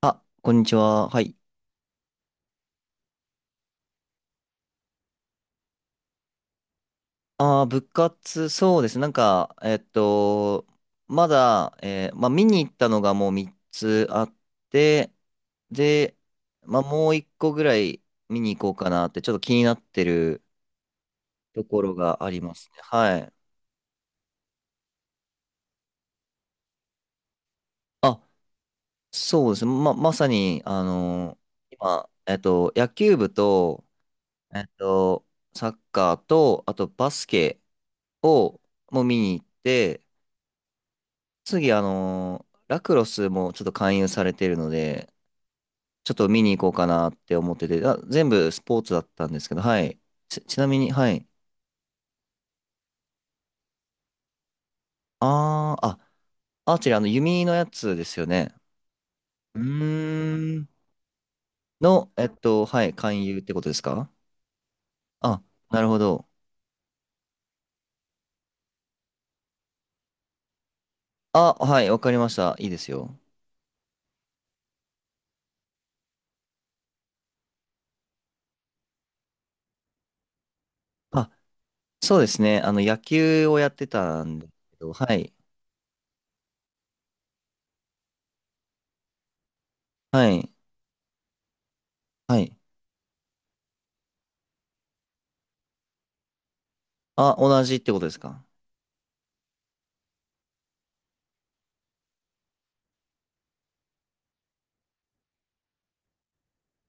あ、こんにちは。はい。ああ、部活、そうです。なんか、まだ、まあ、見に行ったのがもう3つあって、で、まあ、もう1個ぐらい見に行こうかなって、ちょっと気になってるところがありますね。はい。あ、そうです。まさに、今、野球部と、えっと、サッカーと、あとバスケを、もう見に行って、次、ラクロスもちょっと勧誘されてるので、ちょっと見に行こうかなって思ってて、あ、全部スポーツだったんですけど、はい。ちなみに、はい。あー、あ、アーチェリー、あの、弓のやつですよね。うーん。の、はい、勧誘ってことですか？あ、なるほど。あ、はい、わかりました。いいですよ。あ、そうですね。野球をやってたんですけど、はい、はい、はい。あ、同じってことですか？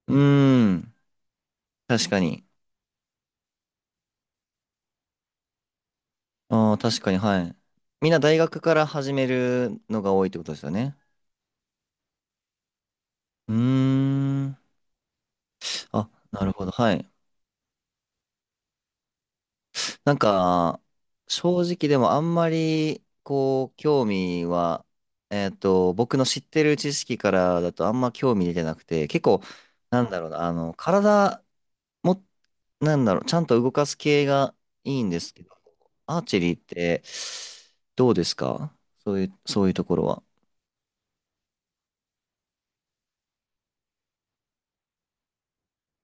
うーん、確かに。ああ、確かに、はい。みんな大学から始めるのが多いってことですよね。うーん。あ、なるほど。はい。なんか、正直でもあんまり、こう、興味は、僕の知ってる知識からだとあんま興味出てなくて、結構、なんだろうな、体も、なんだろう、ちゃんと動かす系がいいんですけど、アーチェリーって、どうですか？そういう、そういうところは。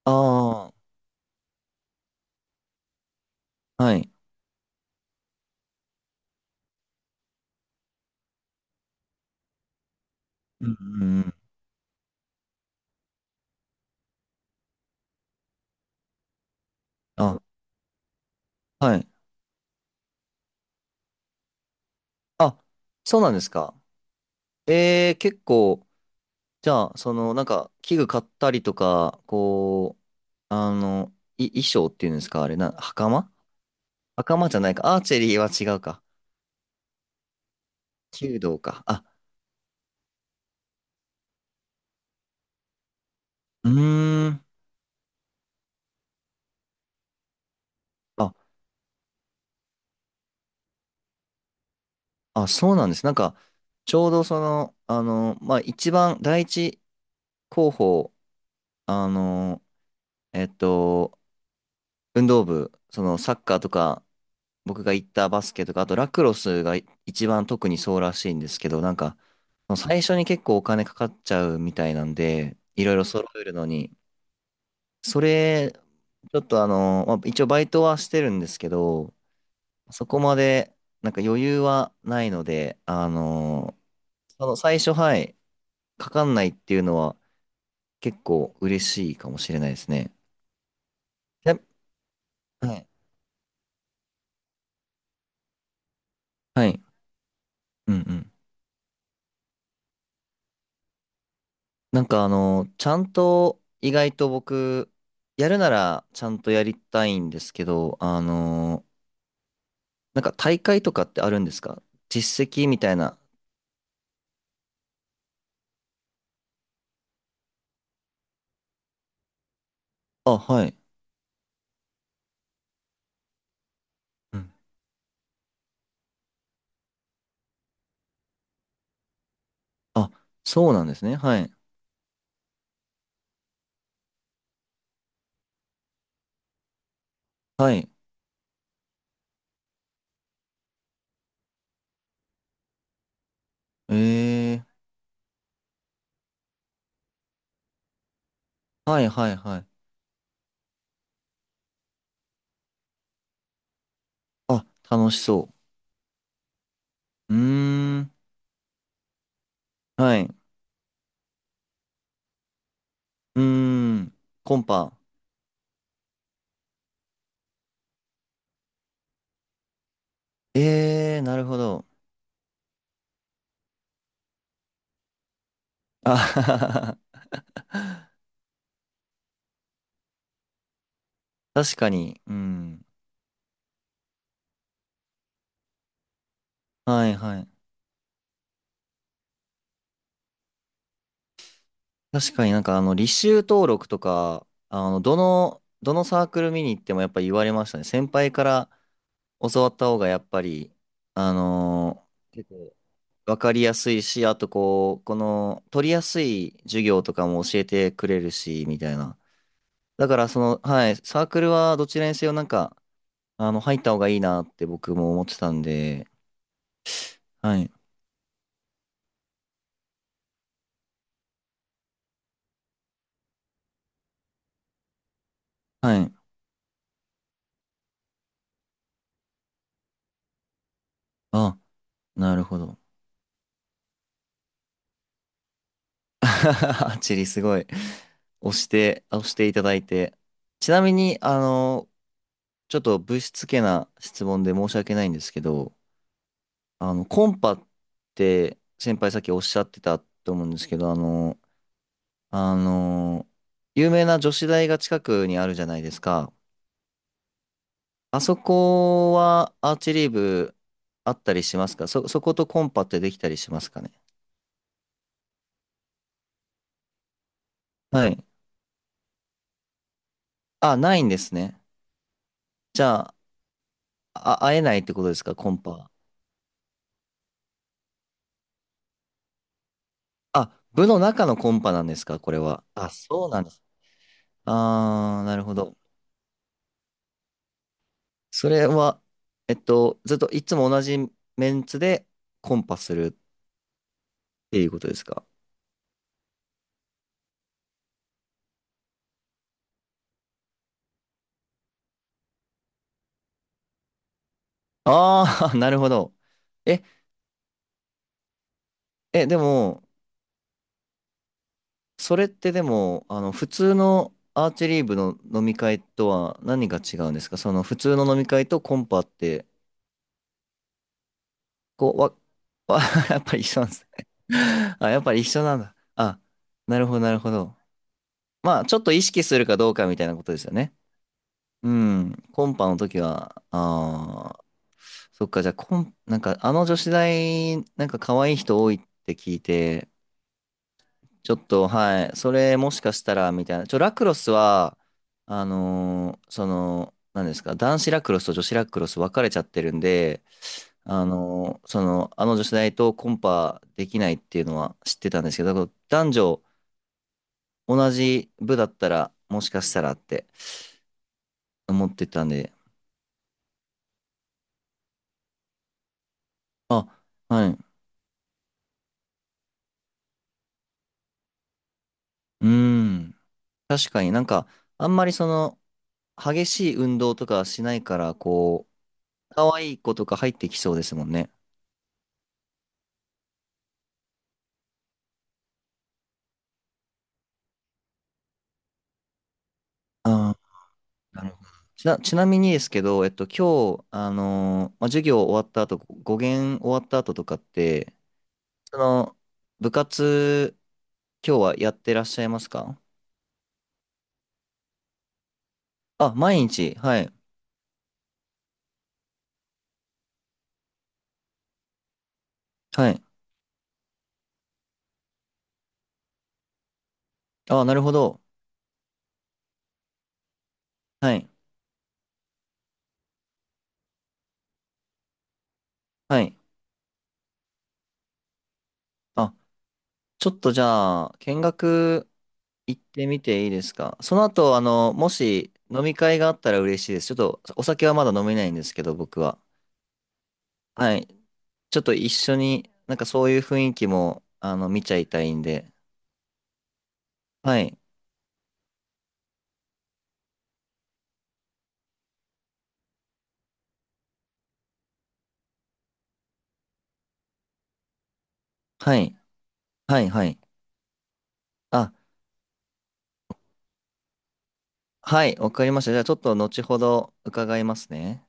ああ、はい。うんうんうん、あ、はい。あ、そうなんですか。結構、じゃあ、その、なんか、器具買ったりとか、こう、衣装っていうんですか、あれな、袴じゃないか。アーチェリーは違うか。弓道か。あ、うーん。あ、あ、そうなんです。なんか、ちょうどその、まあ、一番、第一候補、あの、えっと、運動部、その、サッカーとか、僕が行ったバスケとか、あとラクロスが一番特にそうらしいんですけど、なんか、最初に結構お金かかっちゃうみたいなんで、いろいろ揃えるのに、それ、ちょっとまあ、一応バイトはしてるんですけど、そこまで、なんか余裕はないので、その最初、はい、かかんないっていうのは結構嬉しいかもしれないですね。やはい。はい。うんうん、なんかちゃんと意外と僕、やるならちゃんとやりたいんですけど、なんか大会とかってあるんですか？実績みたいな。あ、はい。うん、あ、そうなんですね。はい。はい。えー。はいはいはい。あ、楽しそう。うーん。はい。うーん。コンパ。えー、なるほど。あはははは、確かに。うん。はいはい。確かになんか履修登録とか、どのサークル見に行ってもやっぱり言われましたね。先輩から教わった方がやっぱり、結構わかりやすいし、あとこう、この、取りやすい授業とかも教えてくれるし、みたいな。だからその、はい、サークルはどちらにせよなんか、入った方がいいなって僕も思ってたんで、はい、はい。あ、なるほど。アーチェリーすごい。押して、押していただいて。ちなみに、ちょっとぶしつけな質問で申し訳ないんですけど、コンパって先輩さっきおっしゃってたと思うんですけど、あの、有名な女子大が近くにあるじゃないですか。あそこはアーチェリー部あったりしますか？そことコンパってできたりしますかね？はい。あ、ないんですね。じゃあ、あ、会えないってことですか、コンパは。あ、部の中のコンパなんですか、これは。あ、そうなんです。あー、なるほど。それは、ずっといつも同じメンツでコンパするっていうことですか。あー、なるほど。え、でも、それってでも、普通のアーチェリー部の飲み会とは何が違うんですか？その普通の飲み会とコンパって、こう、わ、やっぱり一緒なんですね。あ、やっぱり一緒なんだ。あ、なるほど、なるほど。まあ、ちょっと意識するかどうかみたいなことですよね。うん。コンパの時は、ああ、そっか、じゃあ、なんか、あの女子大、なんか可愛い人多いって聞いて、ちょっと、はい、それもしかしたら、みたいな。ラクロスは、その、何ですか、男子ラクロスと女子ラクロス分かれちゃってるんで、その、あの女子大とコンパできないっていうのは知ってたんですけど、だから男女同じ部だったら、もしかしたらって。思ってたんで。あ、はい。うーん。確かになんか、あんまりその、激しい運動とかしないから、こう、可愛い子とか入ってきそうですもんね。ああ、なるほど。ちなみにですけど、今日、まあ、授業終わった後、語源終わった後とかって、その、部活、今日はやってらっしゃいますか？あ、毎日、はい、はい。あ、なるほど。はい、はい。あ、ちょっとじゃあ、見学行ってみていいですか？その後、もし飲み会があったら嬉しいです。ちょっとお酒はまだ飲めないんですけど、僕は。はい。ちょっと一緒に、なんかそういう雰囲気も、見ちゃいたいんで。はい。はい。はい。はい。あ、はい。わかりました。じゃあちょっと後ほど伺いますね。